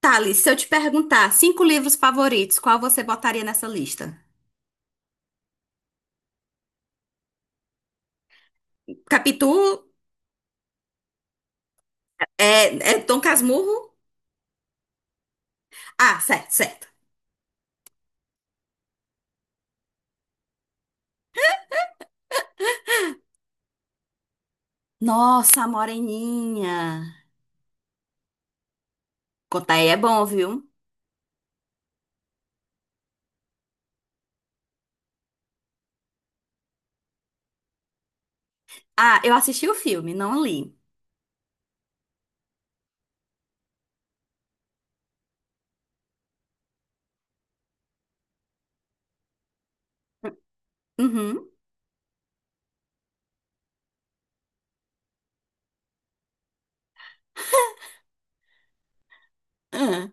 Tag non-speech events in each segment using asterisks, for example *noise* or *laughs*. Thales, se eu te perguntar cinco livros favoritos, qual você botaria nessa lista? Capitu, é Dom Casmurro? Ah, certo, certo. Nossa, Moreninha. Contar aí é bom, viu? Ah, eu assisti o filme, não li. Uhum. Ah.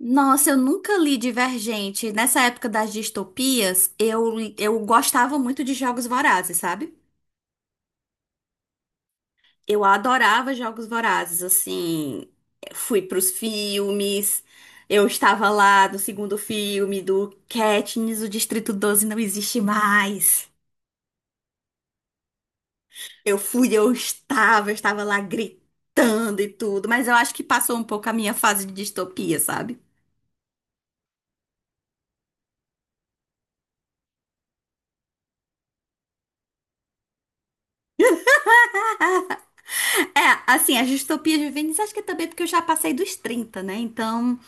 Nossa, eu nunca li Divergente. Nessa época das distopias, eu gostava muito de Jogos Vorazes, sabe? Eu adorava Jogos Vorazes, assim, fui pros filmes, eu estava lá no segundo filme do Katniss, o Distrito 12 não existe mais. Eu fui, eu estava lá gritando e tudo, mas eu acho que passou um pouco a minha fase de distopia, sabe? É, assim, as distopias juvenis, acho que é também porque eu já passei dos 30, né? Então,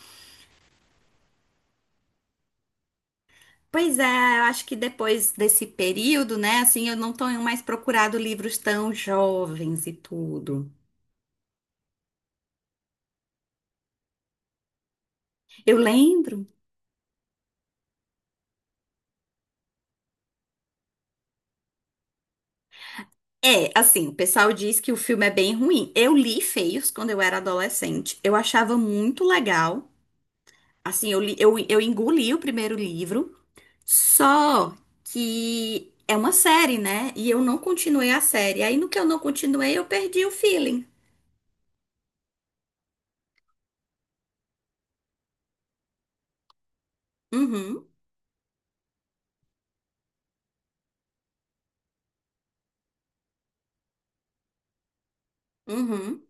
pois é, eu acho que depois desse período, né, assim, eu não tenho mais procurado livros tão jovens e tudo. Eu lembro. É, assim, o pessoal diz que o filme é bem ruim. Eu li Feios quando eu era adolescente. Eu achava muito legal. Assim, eu engoli o primeiro livro, só que é uma série, né? E eu não continuei a série. Aí no que eu não continuei, eu perdi o feeling. Uhum, uhum,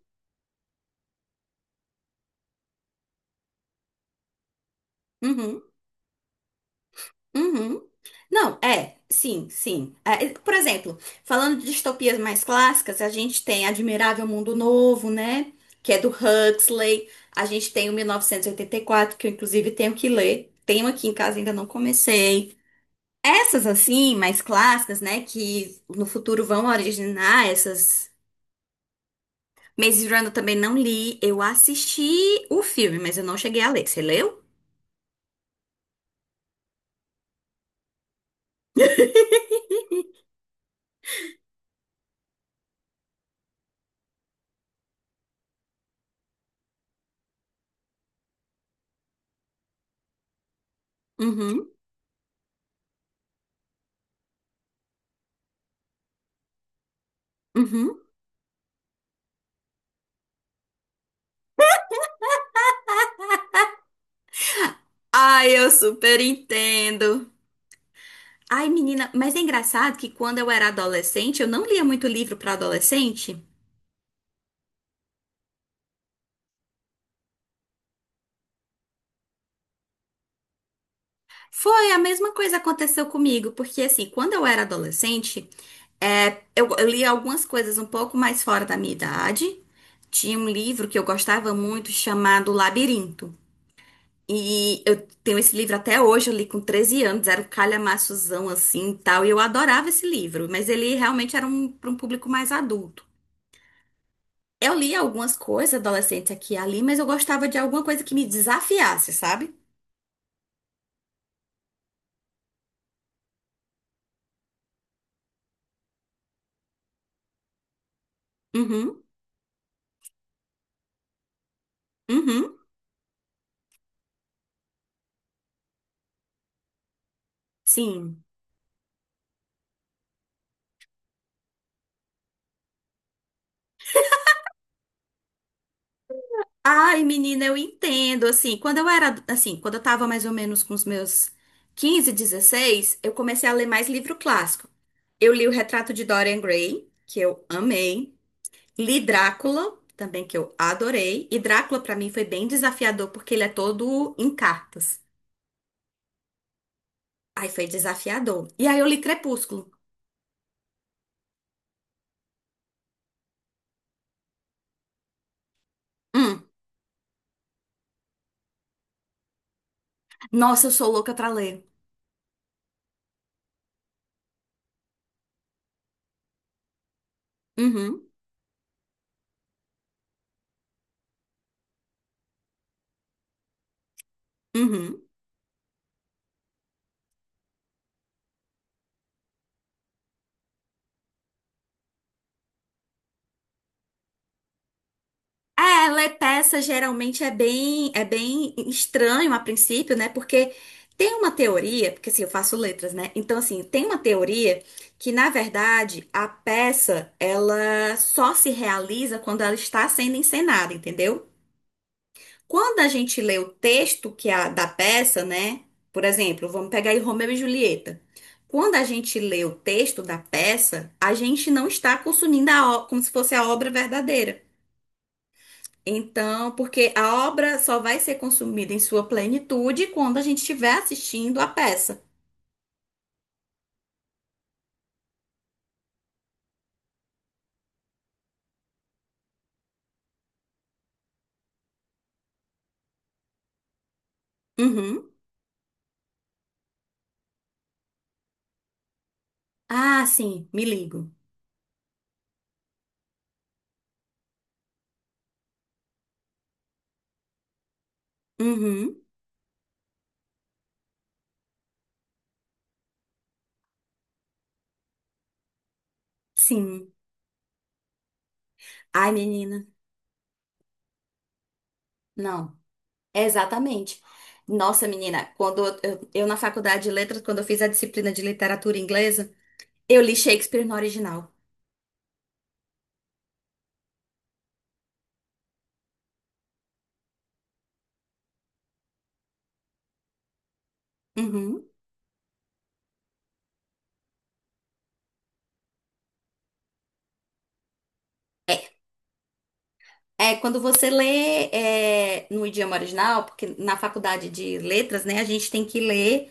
uhum. Uhum. Não, é, sim, sim. É, e, por exemplo, falando de distopias mais clássicas, a gente tem Admirável Mundo Novo, né? Que é do Huxley. A gente tem o 1984, que eu inclusive tenho que ler. Tenho aqui em casa, ainda não comecei. Essas assim, mais clássicas, né? Que no futuro vão originar essas. Maze Runner eu também não li. Eu assisti o filme, mas eu não cheguei a ler. Você leu? Uhum, uhum. Ai, eu super entendo. Ai, menina, mas é engraçado que quando eu era adolescente, eu não lia muito livro para adolescente. Foi a mesma coisa que aconteceu comigo, porque assim, quando eu era adolescente, é, eu lia algumas coisas um pouco mais fora da minha idade. Tinha um livro que eu gostava muito chamado Labirinto. E eu tenho esse livro até hoje, eu li com 13 anos, era um calhamaçozão assim e tal, e eu adorava esse livro, mas ele realmente era um, para um público mais adulto. Eu li algumas coisas adolescentes aqui e ali, mas eu gostava de alguma coisa que me desafiasse, sabe? Uhum, uhum, sim. Ai, menina, eu entendo. Assim, quando eu era, assim, quando eu tava mais ou menos com os meus 15, 16, eu comecei a ler mais livro clássico. Eu li O Retrato de Dorian Gray, que eu amei. Li Drácula, também que eu adorei. E Drácula, pra mim, foi bem desafiador, porque ele é todo em cartas. Aí foi desafiador. E aí eu li Crepúsculo. Hum. Nossa, eu sou louca pra ler. Uhum, uhum. É, ler peça geralmente é bem estranho a princípio, né? Porque tem uma teoria, porque assim, eu faço letras, né? Então, assim, tem uma teoria que, na verdade, a peça, ela só se realiza quando ela está sendo encenada, entendeu? Quando a gente lê o texto que é da peça, né? Por exemplo, vamos pegar aí Romeu e Julieta. Quando a gente lê o texto da peça, a gente não está consumindo como se fosse a obra verdadeira. Então, porque a obra só vai ser consumida em sua plenitude quando a gente estiver assistindo a peça. Uhum. Ah, sim, me ligo. Uhum. Sim. Ai, menina. Não. Exatamente. Nossa, menina, quando eu na faculdade de letras, quando eu fiz a disciplina de literatura inglesa, eu li Shakespeare no original. Uhum. É, é, quando você lê no idioma original, porque na faculdade de letras, né, a gente tem que ler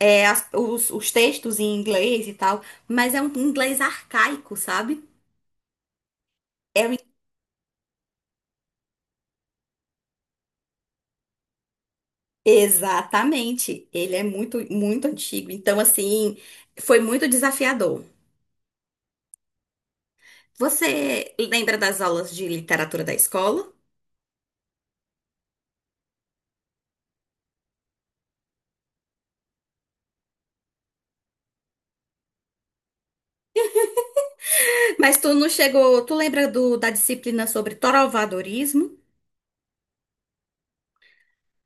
os textos em inglês e tal, mas é um inglês arcaico, sabe? É, um- Exatamente. Ele é muito, muito antigo. Então, assim, foi muito desafiador. Você lembra das aulas de literatura da escola? Mas tu não chegou. Tu lembra da disciplina sobre trovadorismo?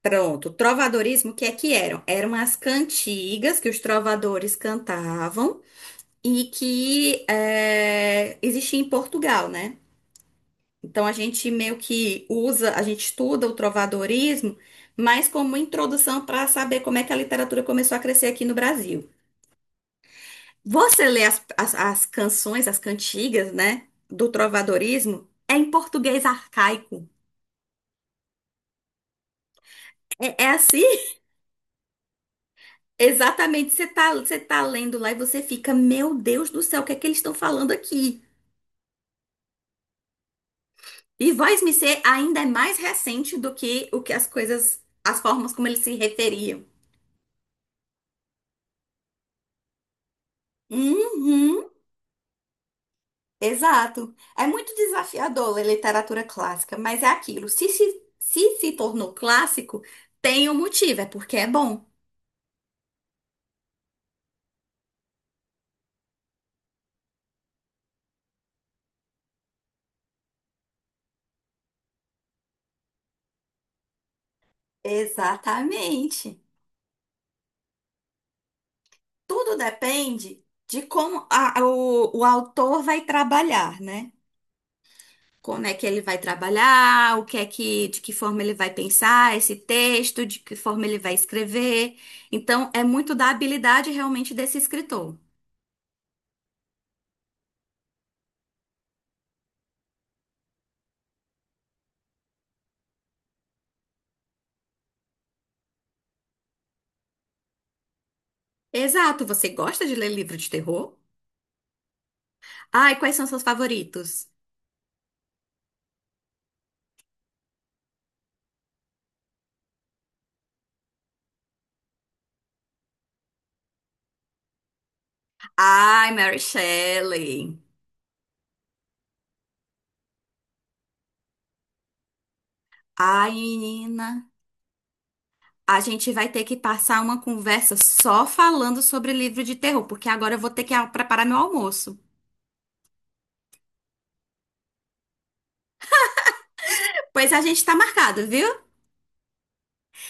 Pronto, trovadorismo, o que é que eram? Eram as cantigas que os trovadores cantavam e que existia em Portugal, né? Então a gente meio que usa, a gente estuda o trovadorismo, mas como introdução para saber como é que a literatura começou a crescer aqui no Brasil. Você lê as canções, as cantigas, né, do trovadorismo, é em português arcaico. É, é assim? *laughs* Exatamente. Você tá lendo lá e você fica, meu Deus do céu, o que é que eles estão falando aqui? E voz-me ser ainda é mais recente do que o que as coisas, as formas como eles se referiam. Uhum, exato. É muito desafiador ler literatura clássica, mas é aquilo. Se se tornou clássico, tem um motivo, é porque é bom. Exatamente. Tudo depende de como o autor vai trabalhar, né? Como é que ele vai trabalhar, o que é que, de que forma ele vai pensar esse texto, de que forma ele vai escrever. Então, é muito da habilidade realmente desse escritor. Exato, você gosta de ler livro de terror? Ai, quais são seus favoritos? Ai, Mary Shelley. Ai, menina. A gente vai ter que passar uma conversa só falando sobre livro de terror, porque agora eu vou ter que preparar meu almoço. Pois a gente tá marcado, viu?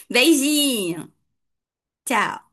Beijinho! Tchau!